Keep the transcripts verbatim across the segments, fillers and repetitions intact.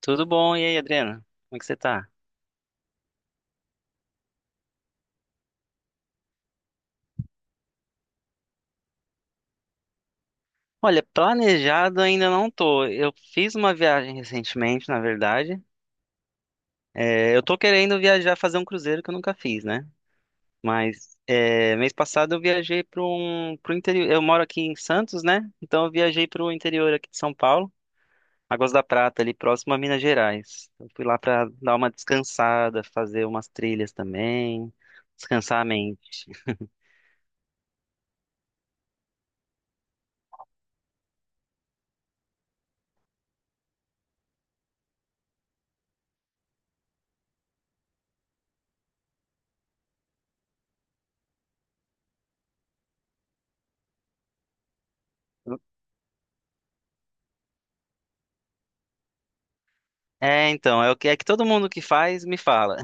Tudo bom? E aí, Adriana? Como é que você tá? Olha, planejado ainda não tô. Eu fiz uma viagem recentemente, na verdade. É, eu tô querendo viajar, fazer um cruzeiro que eu nunca fiz, né? Mas é, mês passado eu viajei para um, pro interior. Eu moro aqui em Santos, né? Então eu viajei para o interior aqui de São Paulo, Águas da Prata, ali próximo a Minas Gerais. Eu fui lá para dar uma descansada, fazer umas trilhas também, descansar a mente. É, então, é o que é que todo mundo que faz me fala.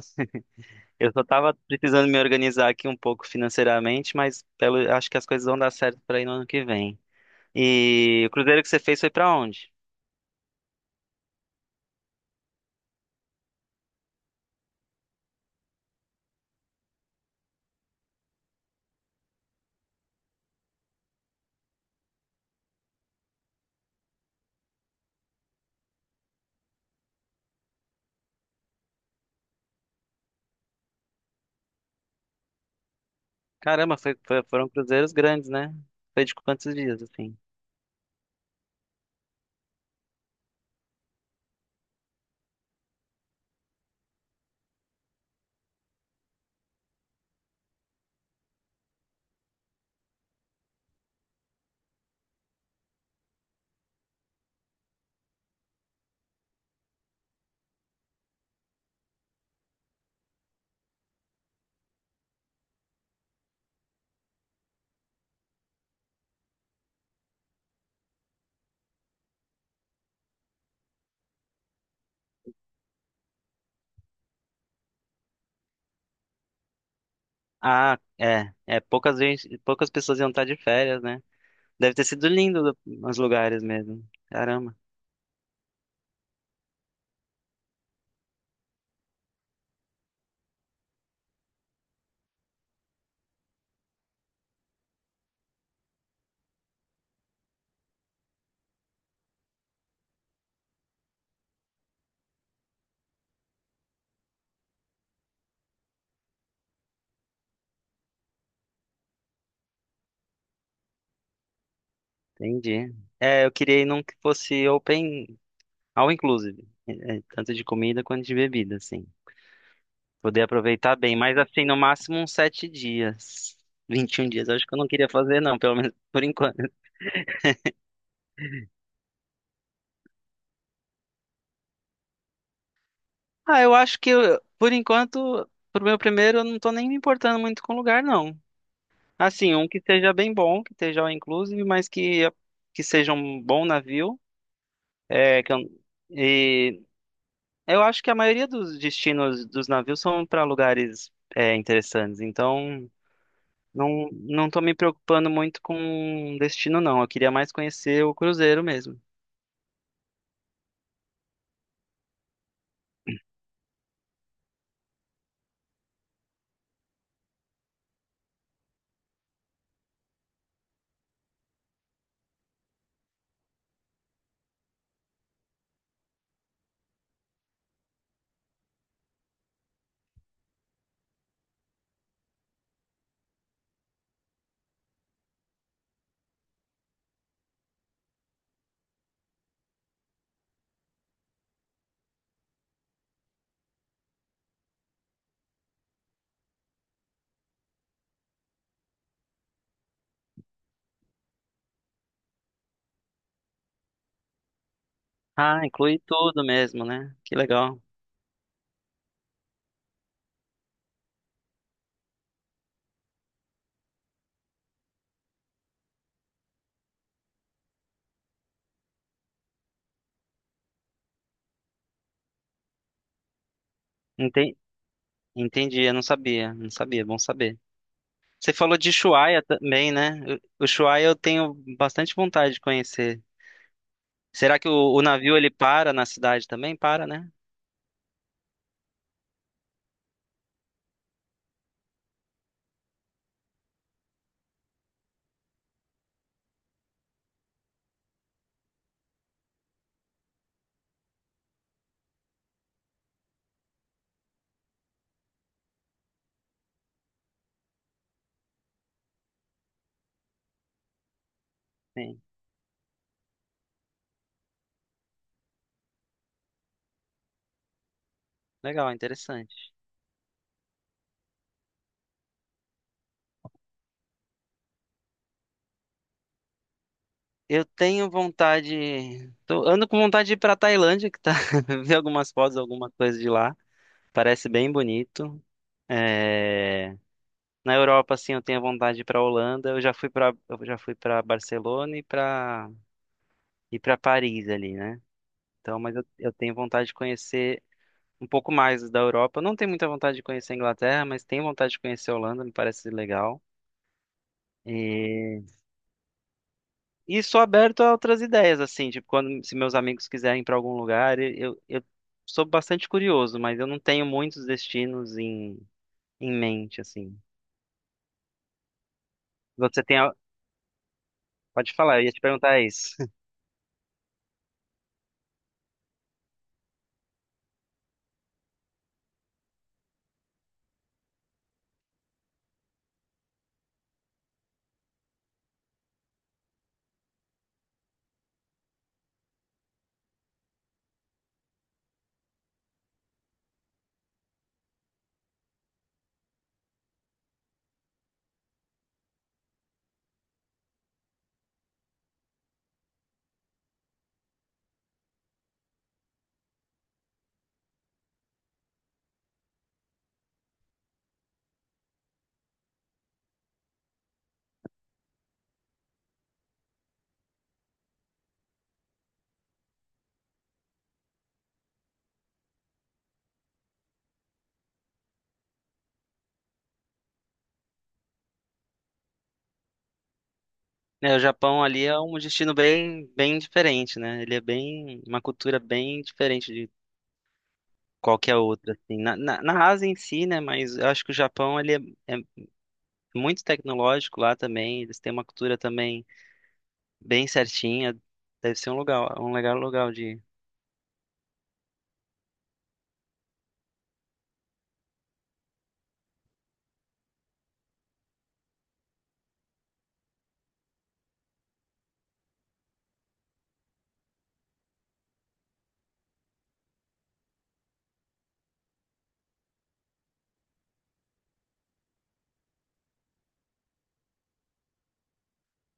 Eu só tava precisando me organizar aqui um pouco financeiramente, mas pelo, acho que as coisas vão dar certo para ir no ano que vem. E o cruzeiro que você fez foi para onde? Caramba, foi- foi- foram cruzeiros grandes, né? Foi de quantos dias, assim? Ah, é, é, poucas vezes, poucas pessoas iam estar de férias, né? Deve ter sido lindo os lugares mesmo. Caramba, entendi. É, eu queria ir num que fosse open, all inclusive, é, é, tanto de comida quanto de bebida, assim. Poder aproveitar bem, mas assim, no máximo uns sete dias. Vinte e um dias, eu acho que eu não queria fazer, não, pelo menos por enquanto. Ah, eu acho que, eu- por enquanto, pro meu primeiro, eu não tô nem me importando muito com o lugar, não. Assim, um que seja bem bom, que esteja all inclusive, mas que, que seja um bom navio. É, que eu, e eu acho que a maioria dos destinos dos navios são para lugares, é, interessantes, então. Não, não tô me preocupando muito com um destino, não. Eu queria mais conhecer o cruzeiro mesmo. Ah, inclui tudo mesmo, né? Que legal. Enten- Entendi, eu não sabia, não sabia, bom saber. Você falou de Ushuaia também, né? O o Ushuaia eu tenho bastante vontade de conhecer. Será que o, o navio ele para na cidade também? Para, né? Sim. Legal, interessante. Eu tenho vontade, tô- ando com vontade de ir para Tailândia, que tá, ver algumas fotos, alguma coisa de lá. Parece bem bonito. É... Na Europa, assim, eu tenho vontade de ir pra Holanda. Eu já fui pra eu já fui para Barcelona e pra e para Paris ali, né? Então, mas eu, eu tenho vontade de conhecer um pouco mais da Europa. Eu não tenho muita vontade de conhecer a Inglaterra, mas tenho vontade de conhecer a Holanda, me parece legal. E, e sou aberto a outras ideias, assim, tipo, quando se meus amigos quiserem ir pra algum lugar, eu, eu sou bastante curioso, mas eu não tenho muitos destinos em, em mente, assim. Você tem, a- pode falar, eu ia te perguntar isso. É, o Japão ali é um destino bem, bem diferente, né? Ele é bem, uma cultura bem diferente de qualquer outra, assim. Na, na, na Ásia em si, né? Mas eu acho que o Japão, ele é, é muito tecnológico lá também. Eles têm uma cultura também bem certinha. Deve ser um lugar, um legal lugar de ir.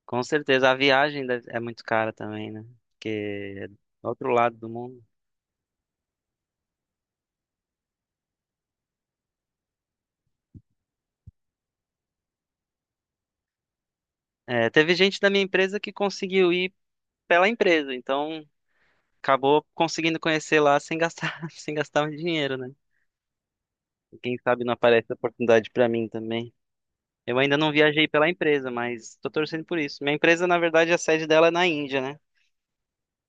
Com certeza. A viagem deve- é muito cara também, né? Porque é do outro lado do mundo. É, teve gente da minha empresa que conseguiu ir pela empresa, então acabou conseguindo conhecer lá sem gastar, sem gastar um dinheiro, né? Quem sabe não aparece a oportunidade para mim também. Eu ainda não viajei pela empresa, mas estou torcendo por isso. Minha empresa, na verdade, a sede dela é na Índia, né?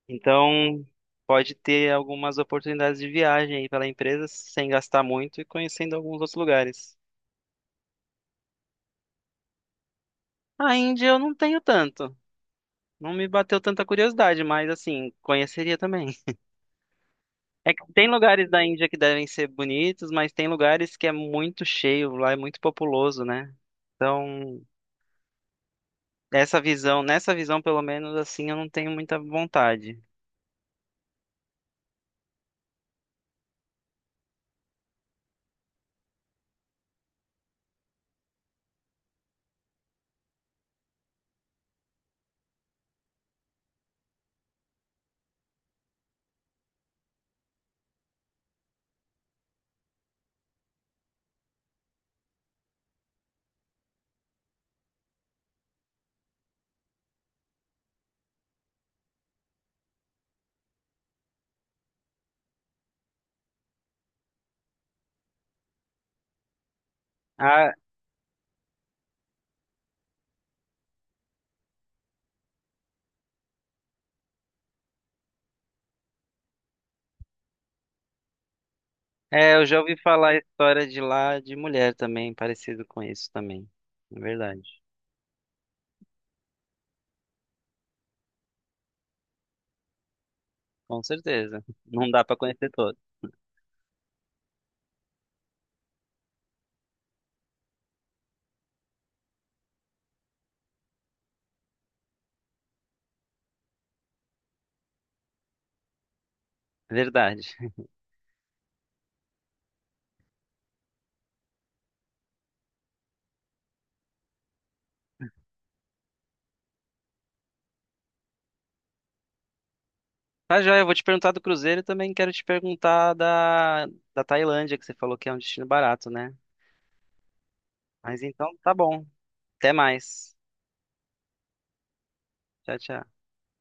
Então, pode ter algumas oportunidades de viagem aí pela empresa sem gastar muito e conhecendo alguns outros lugares. A Índia eu não tenho tanto. Não me bateu tanta curiosidade, mas assim, conheceria também. É que tem lugares da Índia que devem ser bonitos, mas tem lugares que é muito cheio, lá é muito populoso, né? Então, essa visão, nessa visão, pelo menos, assim, eu não tenho muita vontade. Ah, é, eu já ouvi falar a história de lá de mulher também, parecido com isso também. É verdade. Com certeza. Não dá pra conhecer todo. Verdade. Tá, joia, eu vou te perguntar do Cruzeiro e também quero te perguntar da, da Tailândia, que você falou que é um destino barato, né? Mas então, tá bom. Até mais. Tchau, tchau.